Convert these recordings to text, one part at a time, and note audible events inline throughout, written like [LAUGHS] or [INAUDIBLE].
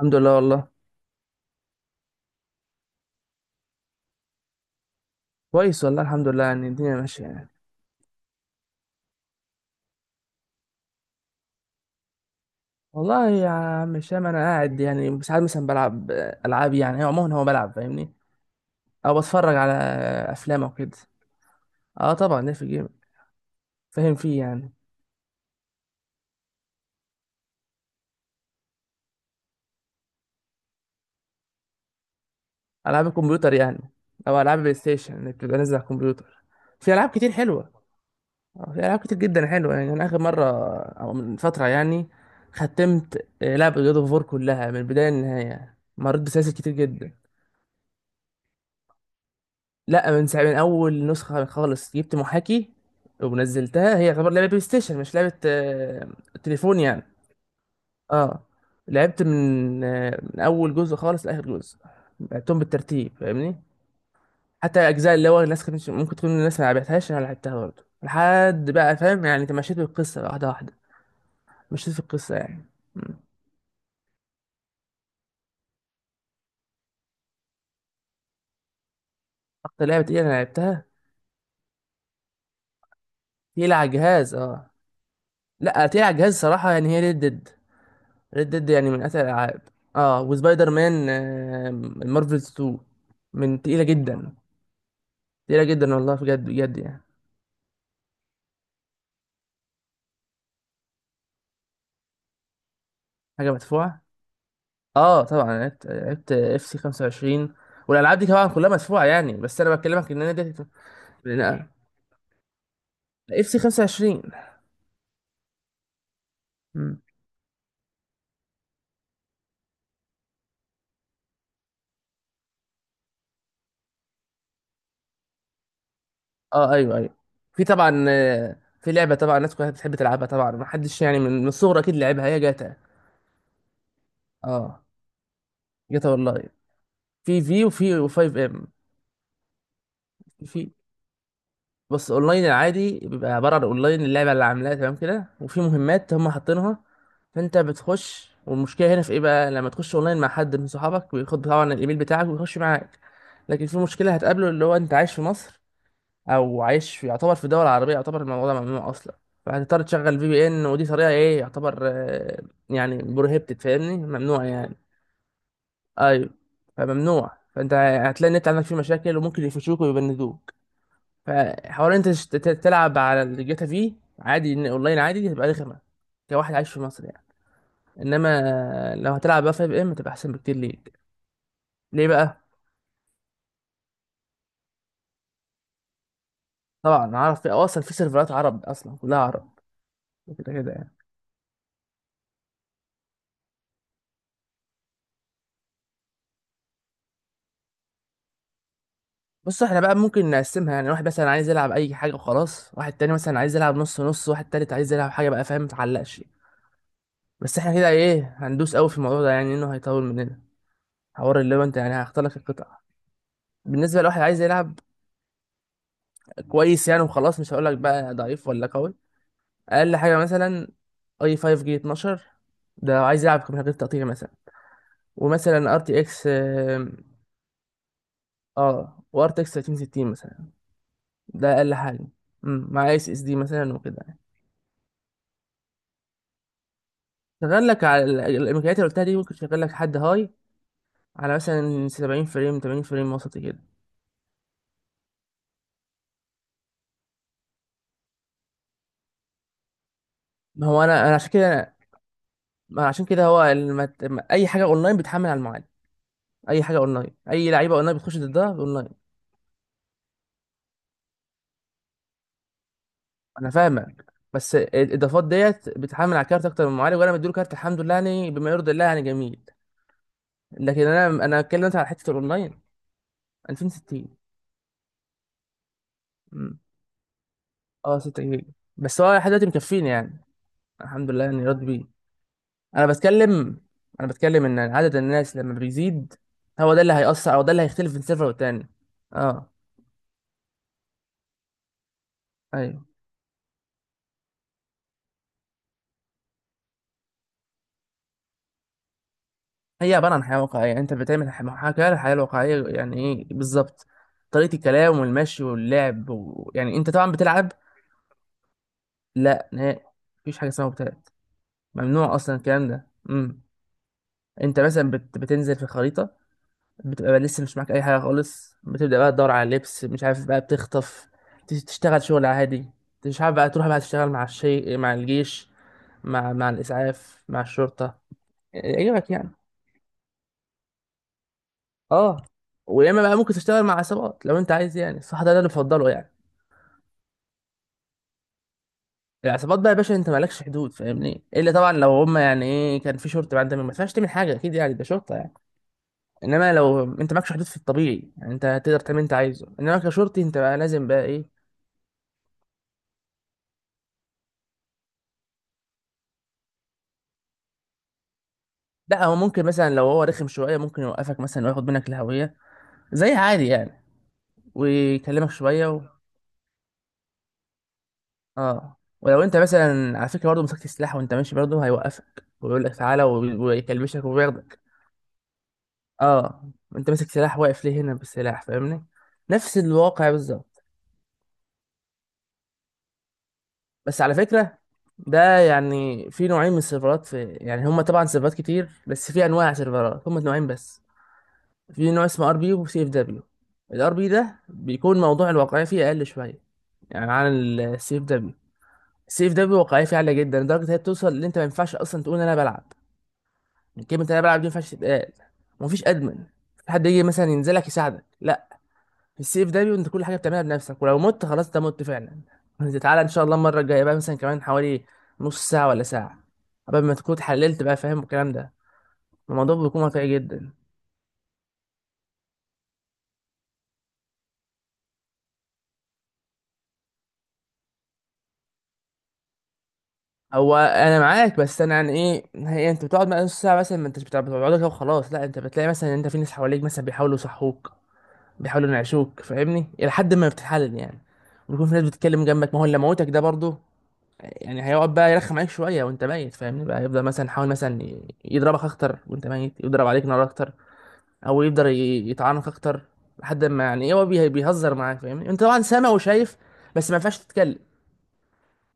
الحمد لله والله. كويس والله، الحمد لله، يعني الدنيا ماشية يعني. والله يا عم شام أنا قاعد يعني ساعات مثلا بلعب ألعاب، يعني عموما هو بلعب فاهمني، أو بتفرج على أفلام أو كده. أه طبعا ليه في الجيم، فاهم فيه يعني. ألعاب الكمبيوتر يعني، أو ألعاب بلاي ستيشن اللي بتبقى نازلة على الكمبيوتر. في ألعاب كتير حلوة. في ألعاب كتير جدا حلوة، يعني أنا آخر مرة أو من فترة يعني ختمت لعبة جود أوف وور كلها من البداية للنهاية، مريت بسلاسل كتير جدا. لا، من ساعة، من اول نسخه خالص جبت محاكي ونزلتها، هي تعتبر لعبه بلاي ستيشن، مش لعبه تليفون يعني. اه لعبت من من اول جزء خالص لاخر جزء، لعبتهم بالترتيب فاهمني. حتى اجزاء اللي هو الناس كانت ممكن تكون الناس ما لعبتهاش، انا لعبتها برضه لحد بقى فاهم يعني، تمشيت بالقصه واحده واحده، مشيت في القصه يعني. مم. اكتر لعبه تقيله انا لعبتها، تقيله على الجهاز اه. لا تقيله على الجهاز صراحه يعني هي ريد ديد. ريد ديد يعني من أسهل الألعاب. اه، وسبايدر مان، المارفلز 2، من تقيلة جدا، تقيلة جدا والله، بجد بجد يعني. حاجة مدفوعة، اه طبعا. أنا لعبت اف سي 25، والألعاب دي طبعا كلها مدفوعة يعني، بس أنا بكلمك إن أنا دي اف سي 25. مم. اه ايوه ايوه. في طبعا، في لعبة طبعا الناس كلها بتحب تلعبها، طبعا ما حدش يعني من الصغر أكيد لعبها، هي جاتا. اه، جاتا والله. في وفي و5 ام. في، بص، اونلاين العادي بيبقى عباره عن اونلاين اللعبه اللي عاملاها تمام كده، وفي مهمات هم حاطينها، فانت بتخش. والمشكله هنا في ايه بقى، لما تخش اونلاين مع حد من صحابك بياخد طبعا الايميل بتاعك ويخش معاك. لكن في مشكله هتقابله، اللي هو انت عايش في مصر، او عايش في، يعتبر في دول عربيه، يعتبر الموضوع ده ممنوع اصلا. فهتضطر تشغل في بي ان، ودي طريقه ايه يعتبر يعني بروهيبتد فاهمني، ممنوع يعني. ايوه، فممنوع. فانت هتلاقي النت عندك فيه مشاكل، وممكن يفشوك ويبندوك. فحوار انت تلعب على الجاتا في، عادي. ان اونلاين عادي دي هتبقى رخمه كواحد عايش في مصر يعني. انما لو هتلعب بقى في اف ام تبقى احسن بكتير ليك. ليه بقى؟ طبعا عارف، في أو اصلا في سيرفرات عرب، اصلا كلها عرب كده كده يعني. بص احنا بقى ممكن نقسمها، يعني واحد مثلا عايز يلعب اي حاجه وخلاص، واحد تاني مثلا عايز يلعب نص نص، واحد تالت عايز يلعب حاجه بقى فاهم، متعلقش. بس احنا كده ايه، هندوس قوي في الموضوع ده يعني، انه هيطول مننا حوار اللي هو انت، يعني هختار لك القطع. بالنسبه لواحد عايز يلعب كويس يعني وخلاص، مش هقول لك بقى ضعيف ولا قوي. اقل حاجه مثلا اي 5 جي 12، ده لو عايز يلعب من غير تقطيع مثلا. ومثلا ار تي اكس اه، وار تي اكس 3060 مثلا، ده اقل حاجه. مع اس اس دي مثلا وكده يعني. شغال لك على الامكانيات اللي قلتها دي، ممكن تشغل لك حد هاي على مثلا 70 فريم، 80 فريم، وسط كده. ما هو انا عشان كده، ما عشان كده هو اي حاجه اونلاين بتحمل على المعالج. اي حاجه اونلاين، اي لعيبه اونلاين بتخش ضدها اونلاين. انا فاهمك، بس الاضافات ديت بتحمل على كارت اكتر من معالج، وانا مديله كارت الحمد لله يعني، بما يرضي الله يعني، جميل. لكن انا اتكلم مثلا على حته الاونلاين. 2060. مم. اه 6 جيجا، بس هو لحد دلوقتي مكفيني يعني، الحمد لله، يعني راضي بيه. انا بتكلم، انا بتكلم ان عدد الناس لما بيزيد، هو ده اللي هيأثر، او ده اللي هيختلف بين سيرفر والتاني. اه، ايوه. هي عباره عن حياه واقعيه، يعني انت بتعمل محاكاه للحياه الواقعيه. يعني ايه بالظبط؟ طريقه الكلام والمشي واللعب يعني انت طبعا بتلعب. لا نهائي، مفيش حاجه اسمها مبتدأ، ممنوع اصلا الكلام ده. انت مثلا بتنزل في الخريطه، بتبقى لسه مش معاك اي حاجه خالص، بتبدا بقى تدور على لبس، مش عارف بقى بتخطف، تشتغل شغل عادي، مش عارف بقى تروح بقى تشتغل مع الشيء، مع الجيش، مع الاسعاف، مع الشرطه، يعجبك يعني. اه، ويا اما بقى ممكن تشتغل مع عصابات لو انت عايز، يعني الصح ده اللي بفضله يعني. العصابات بقى يا باشا انت مالكش حدود فاهمني، الا طبعا لو هم، يعني ايه، كان في شرطه بقى انت ما ينفعش تعمل حاجه اكيد يعني، ده شرطه يعني. انما لو انت معكش حدود في الطبيعي، يعني انت هتقدر تعمل اللي انت عايزه، انما كشرطي انت بقى لازم بقى ايه. لا، هو ممكن مثلا لو هو رخم شويه، ممكن يوقفك مثلا وياخد منك الهويه، زي عادي يعني، ويكلمك شويه اه. ولو انت مثلا على فكره برضه مسكت سلاح وانت ماشي، برضه هيوقفك ويقول لك تعالى، ويكلبشك وياخدك. اه، انت ماسك سلاح واقف ليه هنا بالسلاح، فاهمني، نفس الواقع بالظبط. بس على فكره، ده يعني في نوعين من السيرفرات، في يعني هما طبعا سيرفرات كتير، بس في انواع سيرفرات هما نوعين بس. في نوع اسمه ار بي، وسي اف دبليو. الار بي ده بيكون موضوع الواقعيه فيه اقل شويه يعني عن السي اف دبليو. السي اف دبليو واقعيه فيه عاليه جدا، لدرجه إن هي بتوصل ان انت ما ينفعش اصلا تقول انا بلعب، يعني كلمه انا بلعب دي ما ينفعش تتقال. ومفيش ادمن، في حد يجي مثلا ينزلك يساعدك، لا. في السي اف دبليو انت كل حاجه بتعملها بنفسك، ولو مت خلاص انت مت فعلا [LAUGHS] انت تعالى ان شاء الله المره الجايه بقى مثلا كمان حوالي نص ساعه ولا ساعه، قبل ما تكون اتحللت بقى فاهم الكلام ده. الموضوع بيكون واقعي جدا. هو انا معاك، بس انا يعني ايه، هي انت بتقعد بقى نص ساعه مثلا، ما بتقعد كده وخلاص؟ لا، انت بتلاقي مثلا إن انت في ناس حواليك مثلا بيحاولوا يصحوك، بيحاولوا ينعشوك، فاهمني، الى حد ما بتتحلل يعني. ويكون في ناس بتتكلم جنبك، ما هو اللي موتك ده برضه يعني هيقعد بقى يرخم عليك شويه وانت ميت، فاهمني، بقى يفضل مثلا يحاول مثلا يضربك اكتر وانت ميت، يضرب عليك نار اكتر، او يقدر يطعنك اكتر، لحد ما يعني ايه هو بيهزر معاك، فاهمني، انت طبعا سامع وشايف بس ما ينفعش تتكلم.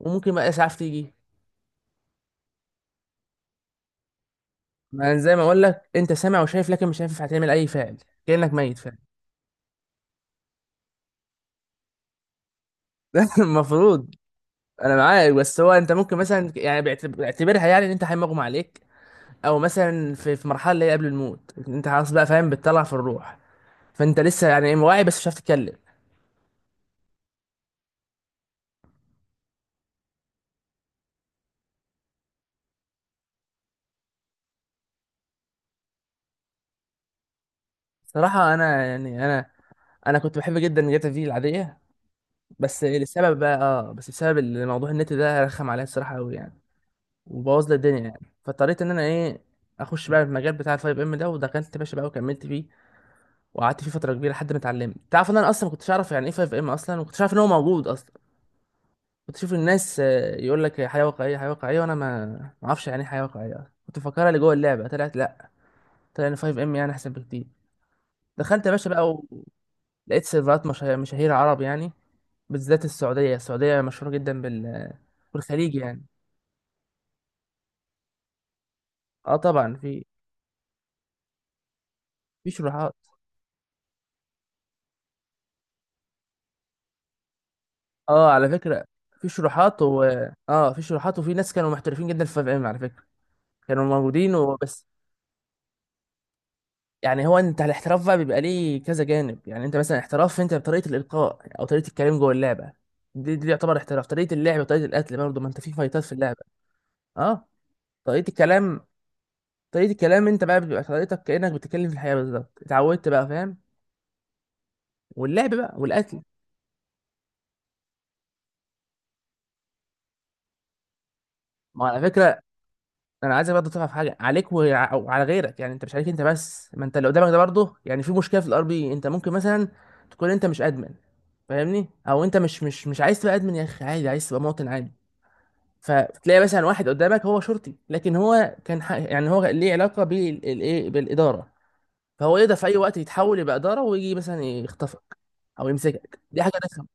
وممكن بقى اسعاف تيجي. ما أنا زي ما اقول لك انت سامع وشايف، لكن مش عارف هتعمل اي فعل، كانك ميت فعلا. [LAUGHS] ده المفروض. انا معاك، بس هو انت ممكن مثلا يعني بيعتبرها يعني ان انت حي مغمى عليك، او مثلا في مرحله اللي هي قبل الموت انت خلاص بقى فاهم، بتطلع في الروح، فانت لسه يعني إيه، واعي بس مش عارف تتكلم. صراحه انا يعني، انا كنت بحب جدا جاتا في العاديه. بس لسبب بقى، اه، بس بسبب الموضوع النت ده رخم عليا الصراحه قوي يعني، وبوظ لي الدنيا يعني، فاضطريت ان انا ايه، اخش بقى في المجال بتاع الفايف ام ده. ودخلت يا باشا بقى وكملت فيه، وقعدت فيه فتره كبيره لحد ما اتعلمت. تعرف ان انا اصلا ما كنتش اعرف يعني ايه 5 ام اصلا، وما كنتش عارف ان هو موجود اصلا. كنت اشوف الناس يقول لك حياه واقعيه حياه واقعيه، وانا ما اعرفش يعني ايه حياه واقعيه أصلاً. كنت مفكرها اللي جوه اللعبه، طلعت لا، طلع ان 5 ام يعني احسن بكتير. دخلت يا باشا بقى، ولقيت سيرفرات مشاهير عرب يعني، بالذات السعوديه. السعوديه مشهوره جدا بال، بالخليج يعني. اه طبعا في، في شروحات. اه على فكره في شروحات و، اه، في شروحات وفي ناس كانوا محترفين جدا في 5 ام على فكره، كانوا موجودين وبس. يعني هو انت الاحتراف بقى بيبقى ليه كذا جانب يعني، انت مثلا احتراف انت بطريقه الالقاء، او طريقه الكلام جوه اللعبه، دي يعتبر احتراف. طريقه اللعب وطريقه القتل برضه، ما انت في فايتات في اللعبه. اه، طريقه الكلام، طريقه الكلام انت بقى بيبقى طريقتك كانك بتتكلم في الحياه بالظبط، اتعودت بقى فاهم. واللعب بقى والقتل. ما على فكره، انا عايزك برضه تعرف حاجه عليك وعلى غيرك يعني، انت مش عليك انت بس، ما انت اللي قدامك ده برضه يعني في مشكله. في الار بي انت ممكن مثلا تكون انت مش ادمن فاهمني، او انت مش عايز تبقى ادمن يا اخي، عادي، عايز تبقى مواطن عادي. فتلاقي مثلا واحد قدامك هو شرطي، لكن هو كان يعني هو ليه علاقه بالايه، بالاداره. فهو يقدر في اي وقت يتحول يبقى اداره، ويجي مثلا يخطفك او يمسكك، دي حاجه رخمه.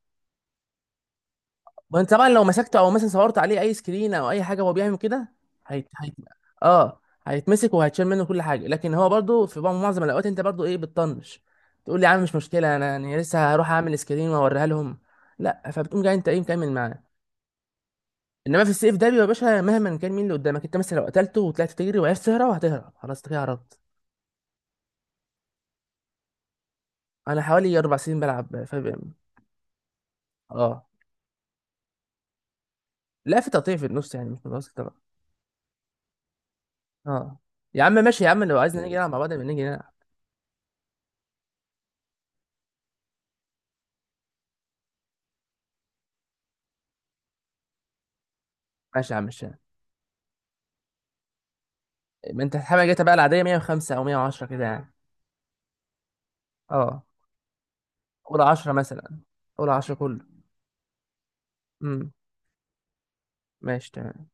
وانت طبعا لو مسكته، او مثلا صورت عليه اي سكرين او اي حاجه وهو بيعمل كده، هيت... هيت... اه هيتمسك وهيتشال منه كل حاجه. لكن هو برضو في معظم الاوقات انت برضو ايه بتطنش، تقول لي يا عم مش مشكله، انا يعني لسه هروح اعمل سكرين واوريها لهم، لا. فبتقوم جاي انت ايه مكمل معاه. انما في السيف ده بيبقى يا باشا مهما كان مين اللي قدامك، انت مثلا لو قتلته وطلعت تجري وعرفت تهرب، هتهرب، خلاص انت كده هربت. انا حوالي اربع سنين بلعب فاهم. اه، لا في تقطيع في النص، يعني مش متواصل طبعا. اه يا عم ماشي، يا عم لو عايز نيجي نلعب مع بعض نبقى نيجي نلعب. ماشي يا عم ماشي. ما انت الحاجه جاتا بقى العاديه 105 او 110 كده يعني. اه، اولى 10 مثلا، اولى 10 كله. امم ماشي تمام.